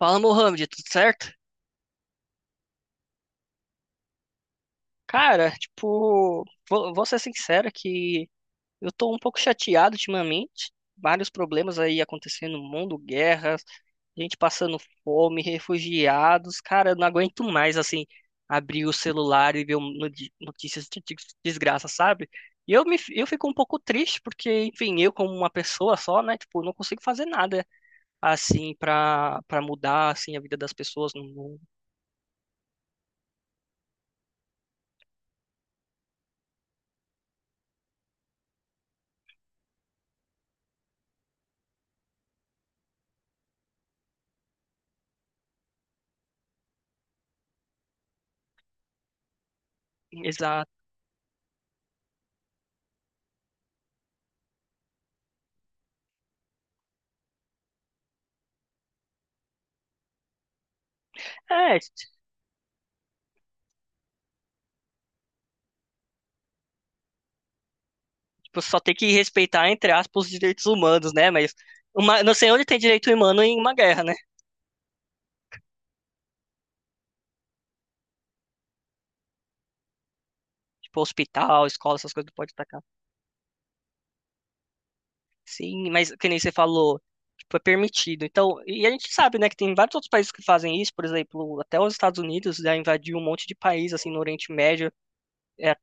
Fala, Mohamed, tudo certo? Cara, tipo, vou ser sincero que eu tô um pouco chateado ultimamente. Vários problemas aí acontecendo no mundo, guerras, gente passando fome, refugiados. Cara, eu não aguento mais, assim, abrir o celular e ver notícias de desgraça, sabe? E eu fico um pouco triste porque, enfim, eu como uma pessoa só, né, tipo, não consigo fazer nada, assim, pra mudar, assim, a vida das pessoas no mundo. Exato. É, você só tem que respeitar, entre aspas, os direitos humanos, né? Mas não sei onde tem direito humano em uma guerra, né? Tipo, hospital, escola, essas coisas não pode atacar. Sim, mas que nem você falou, tipo, é permitido. Então, e a gente sabe, né, que tem vários outros países que fazem isso, por exemplo, até os Estados Unidos já invadiu um monte de país, assim, no Oriente Médio. É,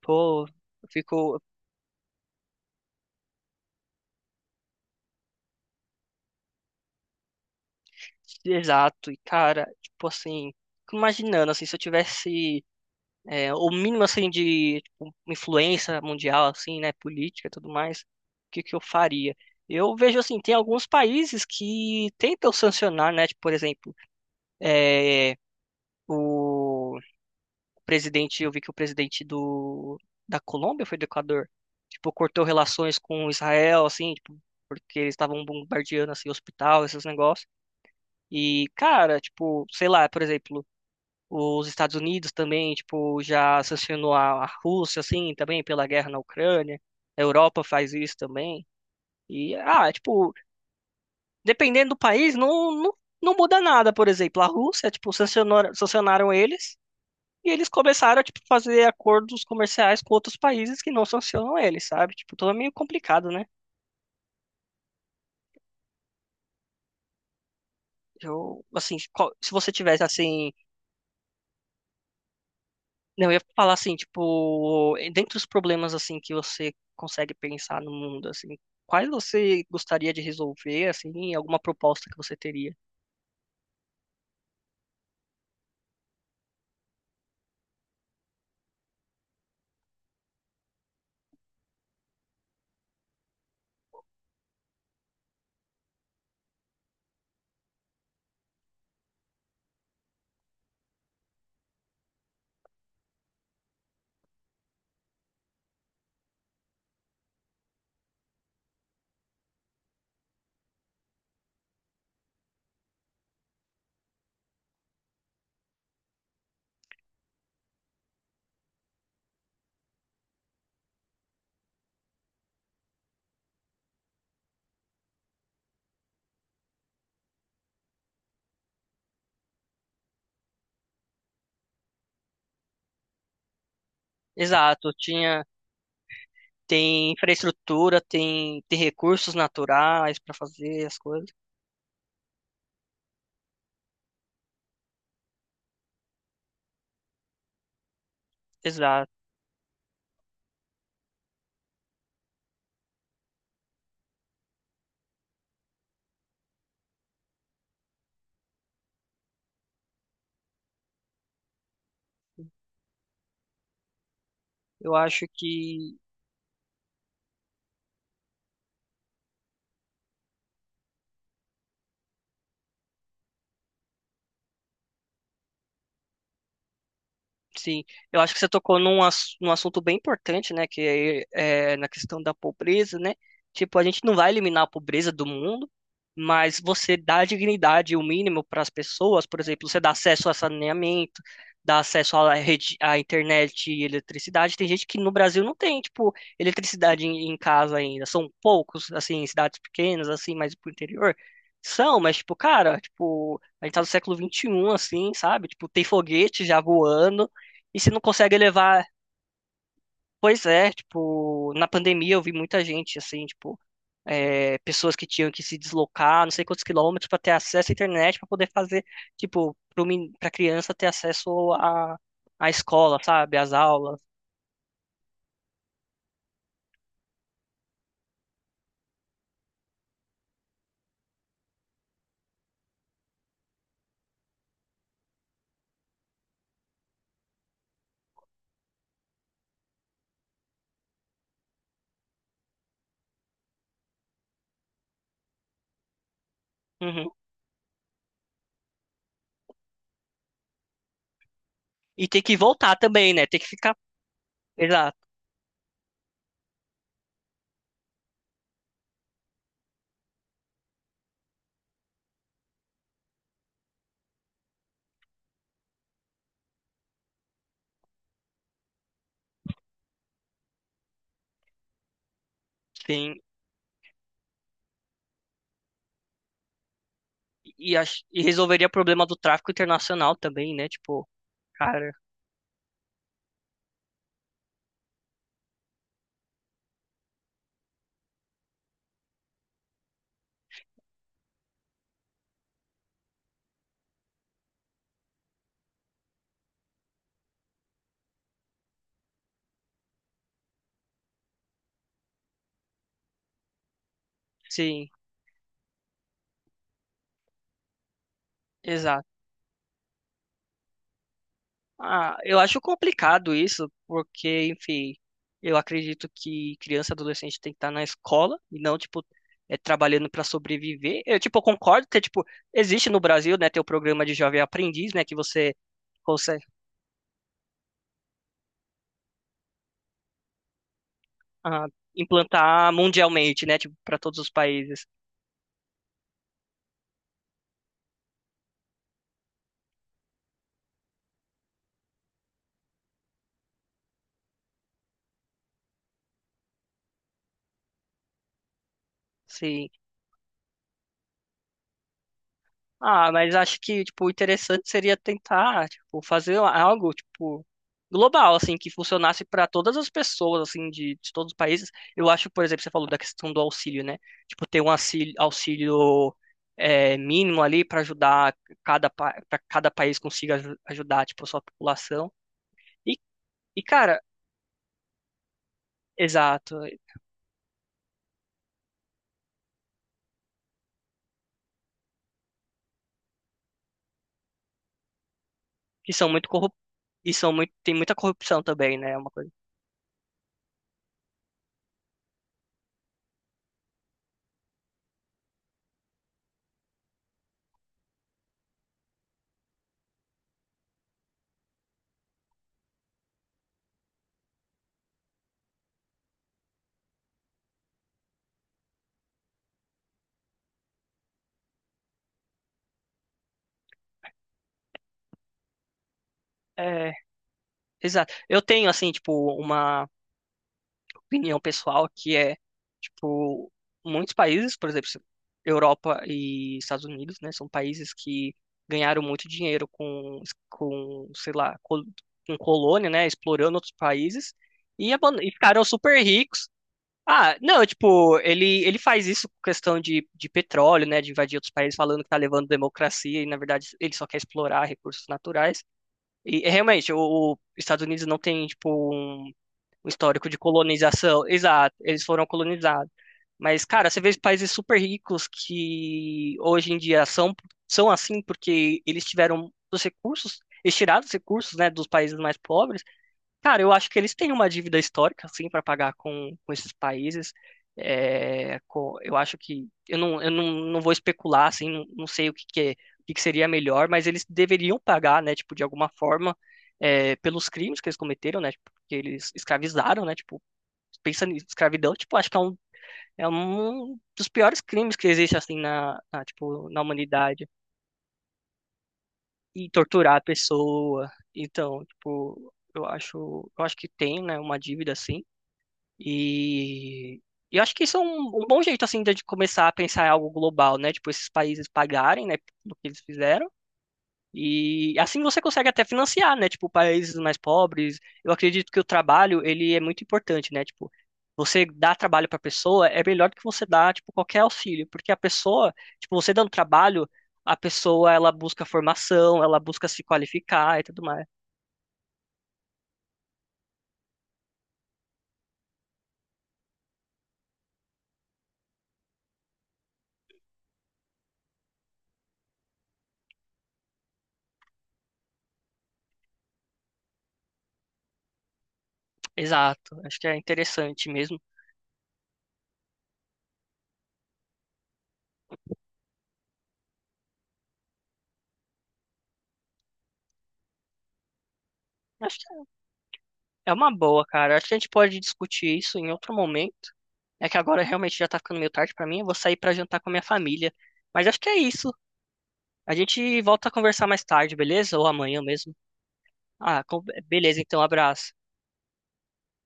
pô, eu fico. Exato, e cara, tipo assim, fico imaginando, assim, se eu tivesse é, o mínimo assim de tipo, influência mundial assim, né, política e tudo mais, o que que eu faria? Eu vejo assim, tem alguns países que tentam sancionar, né, tipo, por exemplo, é, o presidente, eu vi que o presidente do da Colômbia foi do Equador, tipo, cortou relações com Israel assim, tipo, porque eles estavam bombardeando assim hospital, esses negócios. E, cara, tipo, sei lá, por exemplo, os Estados Unidos também, tipo, já sancionou a Rússia, assim, também pela guerra na Ucrânia. A Europa faz isso também. E, ah, é, tipo, dependendo do país, não, não muda nada. Por exemplo, a Rússia, tipo, sancionaram eles e eles começaram a, tipo, fazer acordos comerciais com outros países que não sancionam eles, sabe? Tipo, tudo é meio complicado, né? Eu, assim, se você tivesse, assim, não, eu ia falar assim, tipo, dentre os problemas assim que você consegue pensar no mundo, assim, quais você gostaria de resolver, assim, alguma proposta que você teria? Exato, tinha, tem infraestrutura, tem recursos naturais para fazer as coisas. Exato. Eu acho que sim, eu acho que você tocou num, num assunto bem importante, né? Que é, é na questão da pobreza, né? Tipo, a gente não vai eliminar a pobreza do mundo, mas você dá dignidade, o mínimo para as pessoas, por exemplo, você dá acesso a saneamento, dá acesso à rede, à internet e eletricidade. Tem gente que no Brasil não tem, tipo, eletricidade em, em casa ainda. São poucos, assim, em cidades pequenas, assim, mais pro interior. São, mas, tipo, cara, tipo, a gente tá no século XXI, assim, sabe? Tipo, tem foguete já voando. E se não consegue levar. Pois é, tipo, na pandemia eu vi muita gente, assim, tipo, é, pessoas que tinham que se deslocar, não sei quantos quilômetros, para ter acesso à internet, para poder fazer, tipo, para criança ter acesso à, à escola, sabe? Às aulas. Uhum. E ter que voltar também, né? Ter que ficar. Exato, sim. E, e resolveria o problema do tráfico internacional também, né? Tipo, cara, sim, exato. Ah, eu acho complicado isso, porque, enfim, eu acredito que criança e adolescente tem que estar na escola e não, tipo, é, trabalhando para sobreviver. Eu, tipo, eu concordo que, tipo, existe no Brasil, né, ter o programa de jovem aprendiz, né, que você consegue ah, implantar mundialmente, né, tipo, para todos os países. Sim. Ah, mas acho que, tipo, o interessante seria tentar, tipo, fazer algo, tipo, global, assim, que funcionasse para todas as pessoas, assim, de todos os países. Eu acho, por exemplo, você falou da questão do auxílio, né? Tipo, ter um auxílio, auxílio é, mínimo ali para ajudar cada, para cada país consiga ajudar, tipo, a sua população. E, e, cara, exato, que são muito corrup... e são muito, tem muita corrupção também, né? É uma coisa. É, exato. Eu tenho, assim, tipo, uma opinião pessoal que é, tipo, muitos países, por exemplo, Europa e Estados Unidos, né, são países que ganharam muito dinheiro com, sei lá, com colônia, né, explorando outros países e, e ficaram super ricos. Ah, não, tipo, ele faz isso com questão de petróleo, né, de invadir outros países, falando que tá levando democracia e, na verdade, ele só quer explorar recursos naturais. E, realmente, o Estados Unidos não tem, tipo, um o histórico de colonização. Exato, eles foram colonizados. Mas, cara, você vê os países super ricos que hoje em dia são, são assim porque eles tiveram os recursos, eles tiraram os recursos, né, dos países mais pobres. Cara, eu acho que eles têm uma dívida histórica, assim, para pagar com esses países. É, eu acho que. Eu não, não vou especular, assim, não sei o que, que, o que que seria melhor, mas eles deveriam pagar, né, tipo, de alguma forma, é, pelos crimes que eles cometeram, né, tipo, que eles escravizaram, né, tipo, pensa em escravidão, tipo, acho que é um dos piores crimes que existe, assim, na, tipo, na humanidade. E torturar a pessoa. Então, tipo, eu acho que tem, né, uma dívida, assim. E eu acho que isso é um, um bom jeito, assim, de começar a pensar em algo global, né? Tipo, esses países pagarem, né, do que eles fizeram. E assim você consegue até financiar, né? Tipo, países mais pobres. Eu acredito que o trabalho, ele é muito importante, né? Tipo, você dar trabalho para a pessoa é melhor do que você dar, tipo, qualquer auxílio. Porque a pessoa, tipo, você dando trabalho, a pessoa, ela busca formação, ela busca se qualificar e tudo mais. Exato. Acho que é interessante mesmo. Acho que é uma boa, cara. Acho que a gente pode discutir isso em outro momento. É que agora realmente já tá ficando meio tarde pra mim. Eu vou sair pra jantar com a minha família. Mas acho que é isso. A gente volta a conversar mais tarde, beleza? Ou amanhã mesmo. Ah, com- beleza, então, abraço.